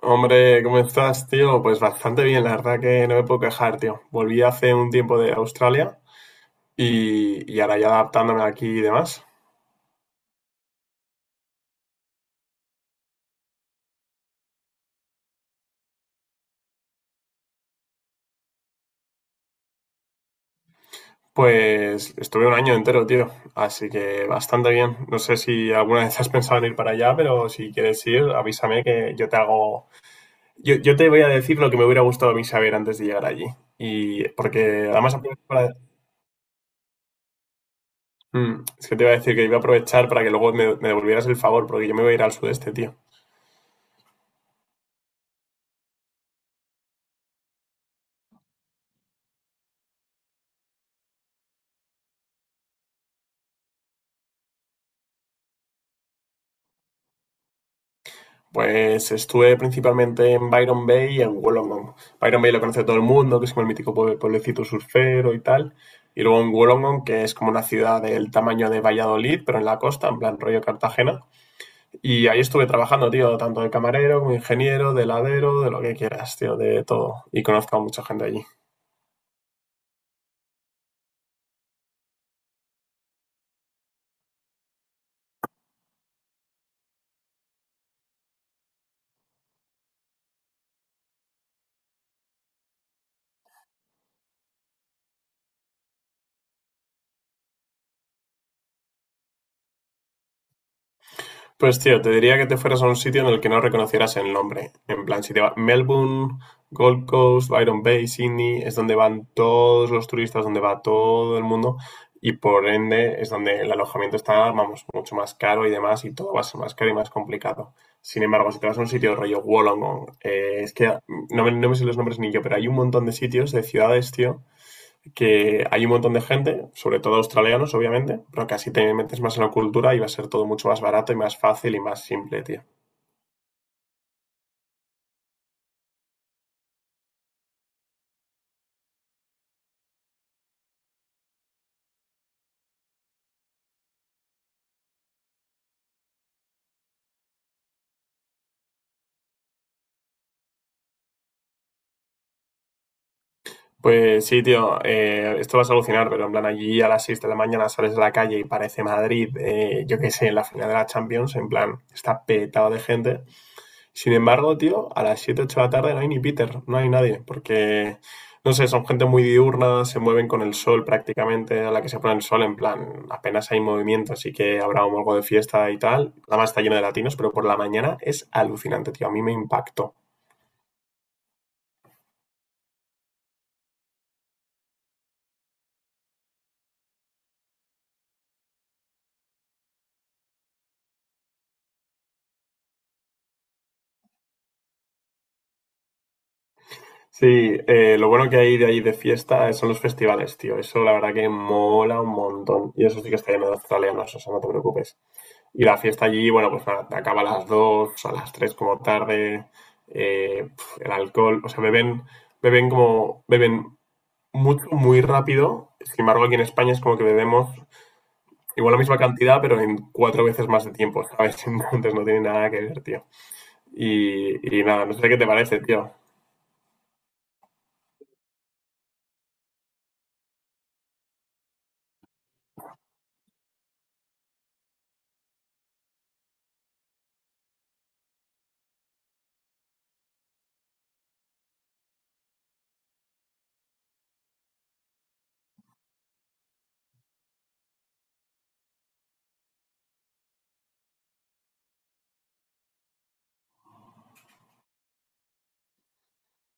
Hombre, ¿cómo estás, tío? Pues bastante bien, la verdad que no me puedo quejar, tío. Volví hace un tiempo de Australia y ahora ya adaptándome aquí y demás. Pues estuve un año entero, tío. Así que bastante bien. No sé si alguna vez has pensado en ir para allá, pero si quieres ir, avísame que yo te hago... Yo te voy a decir lo que me hubiera gustado a mí saber antes de llegar allí. Y porque además aprovecho para... Es que te iba a decir que iba a aprovechar para que luego me devolvieras el favor, porque yo me voy a ir al sudeste, tío. Pues estuve principalmente en Byron Bay y en Wollongong. Byron Bay lo conoce todo el mundo, que es como el mítico pueblecito surfero y tal. Y luego en Wollongong, que es como una ciudad del tamaño de Valladolid, pero en la costa, en plan rollo Cartagena. Y ahí estuve trabajando, tío, tanto de camarero como ingeniero, de heladero, de lo que quieras, tío, de todo. Y conozco a mucha gente allí. Pues tío, te diría que te fueras a un sitio en el que no reconocieras el nombre. En plan, si te va Melbourne, Gold Coast, Byron Bay, Sydney, es donde van todos los turistas, donde va todo el mundo, y por ende es donde el alojamiento está, vamos, mucho más caro y demás, y todo va a ser más caro y más complicado. Sin embargo, si te vas a un sitio rollo Wollongong, es que no me sé los nombres ni yo, pero hay un montón de sitios, de ciudades, tío, que hay un montón de gente, sobre todo australianos, obviamente, pero que así te metes más en la cultura y va a ser todo mucho más barato y más fácil y más simple, tío. Pues sí, tío, esto vas a alucinar, pero en plan allí a las 6 de la mañana sales de la calle y parece Madrid, yo qué sé, en la final de la Champions, en plan, está petado de gente. Sin embargo, tío, a las 7 8 de la tarde no hay ni Peter, no hay nadie, porque, no sé, son gente muy diurna, se mueven con el sol prácticamente, a la que se pone el sol, en plan, apenas hay movimiento, así que habrá un algo de fiesta y tal. Además está lleno de latinos, pero por la mañana es alucinante, tío, a mí me impactó. Sí, lo bueno que hay de ahí de fiesta son los festivales, tío, eso la verdad que mola un montón, y eso sí que está lleno de australianos, o sea, no te preocupes. Y la fiesta allí, bueno, pues acaba a las 2 a las 3 como tarde, eh, el alcohol, o sea, beben mucho, muy rápido. Sin embargo, aquí en España es como que bebemos igual la misma cantidad, pero en cuatro veces más de tiempo, ¿sabes? Entonces no tiene nada que ver, tío. Y nada, no sé qué te parece, tío.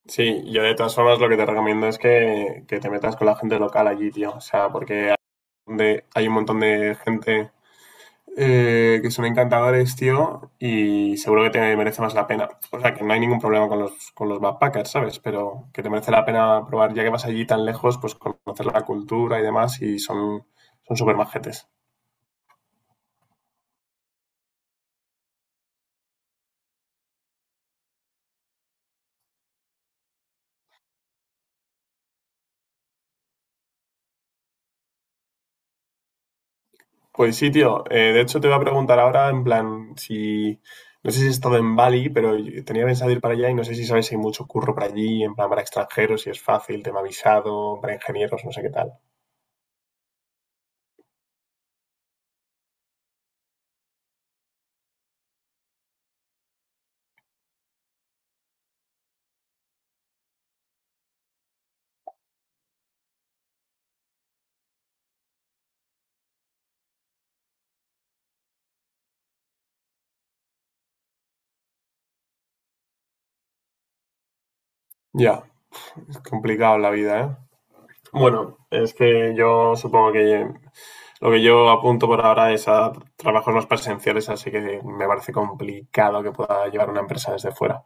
Sí, yo de todas formas lo que te recomiendo es que te metas con la gente local allí, tío. O sea, porque un hay un montón de gente, que son encantadores, tío, y seguro que te merece más la pena. O sea, que no hay ningún problema con con los backpackers, ¿sabes? Pero que te merece la pena probar, ya que vas allí tan lejos, pues conocer la cultura y demás, y son súper majetes. Pues sí, tío. De hecho, te voy a preguntar ahora, en plan, si... No sé si he estado en Bali, pero yo tenía pensado ir para allá y no sé si sabes si hay mucho curro para allí, en plan, para extranjeros, si es fácil, tema visado, para ingenieros, no sé qué tal. Ya, es complicado la vida, ¿eh? Bueno, es que yo supongo que... Lo que yo apunto por ahora es a trabajos más presenciales, así que me parece complicado que pueda llevar una empresa desde fuera.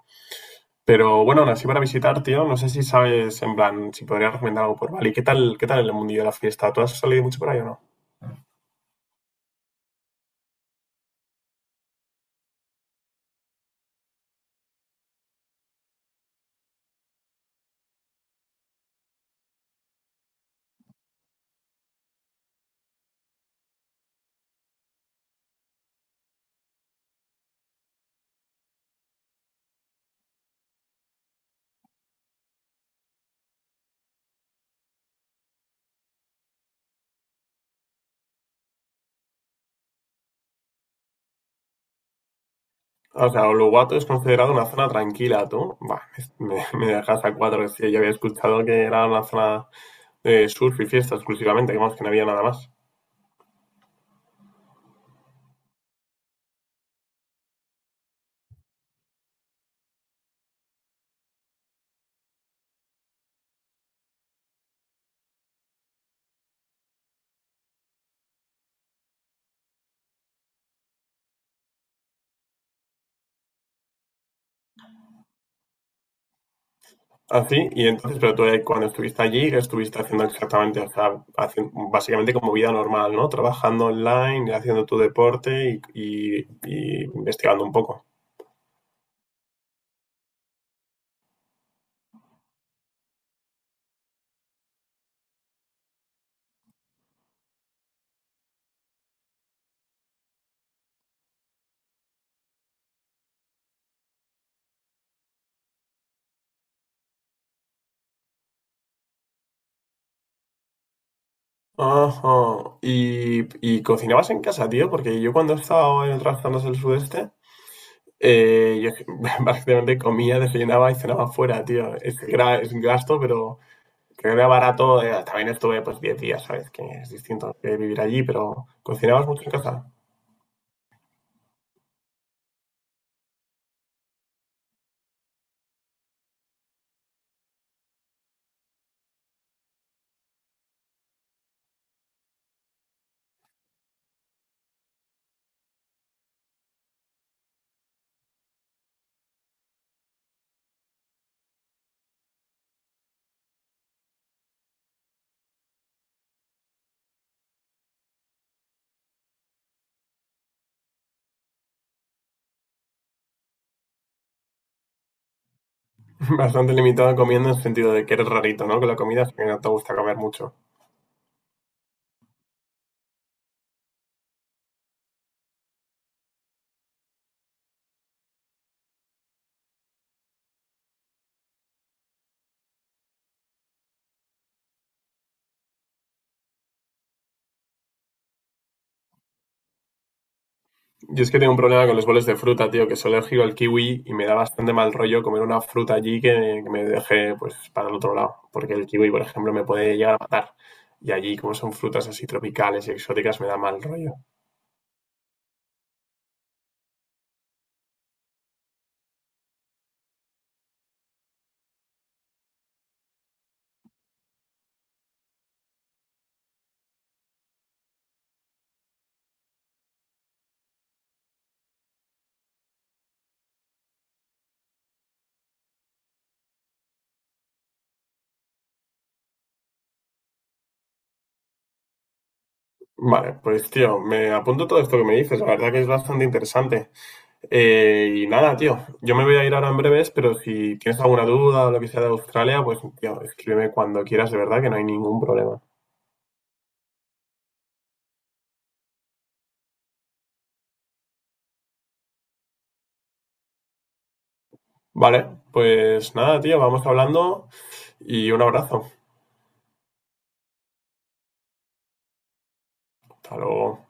Pero bueno, aún así para visitar, tío, no sé si sabes, en plan, si podría recomendar algo por Bali. Qué tal el mundillo de la fiesta? ¿Tú has salido mucho por ahí o no? O sea, Uluwatu es considerado una zona tranquila, tú. Bah, me dejas a cuatro, tío. Yo había escuchado que era una zona de surf y fiesta exclusivamente, que vamos, que no había nada más. Así, y entonces, pero tú cuando estuviste allí, ¿qué estuviste haciendo exactamente? O sea, básicamente como vida normal, ¿no? Trabajando online, haciendo tu deporte y investigando un poco. Ajá. ¿Y cocinabas en casa, tío? Porque yo cuando he estado en otras zonas del sudeste, yo básicamente comía, desayunaba y cenaba fuera, tío. Es, es un gasto, pero que era barato. Eh, también estuve pues 10 días, ¿sabes? Que es distinto que vivir allí, pero ¿cocinabas mucho en casa? Bastante limitado comiendo en el sentido de que eres rarito, ¿no? Con la comida, que no te gusta comer mucho. Yo es que tengo un problema con los boles de fruta, tío, que soy alérgico al kiwi y me da bastante mal rollo comer una fruta allí que me deje, pues, para el otro lado. Porque el kiwi, por ejemplo, me puede llegar a matar. Y allí, como son frutas así tropicales y exóticas, me da mal rollo. Vale, pues, tío, me apunto todo esto que me dices. La verdad que es bastante interesante. Y nada, tío, yo me voy a ir ahora en breves, pero si tienes alguna duda o lo que sea de Australia, pues tío, escríbeme cuando quieras, de verdad que no hay ningún problema. Vale, pues nada, tío, vamos hablando y un abrazo. Hasta luego.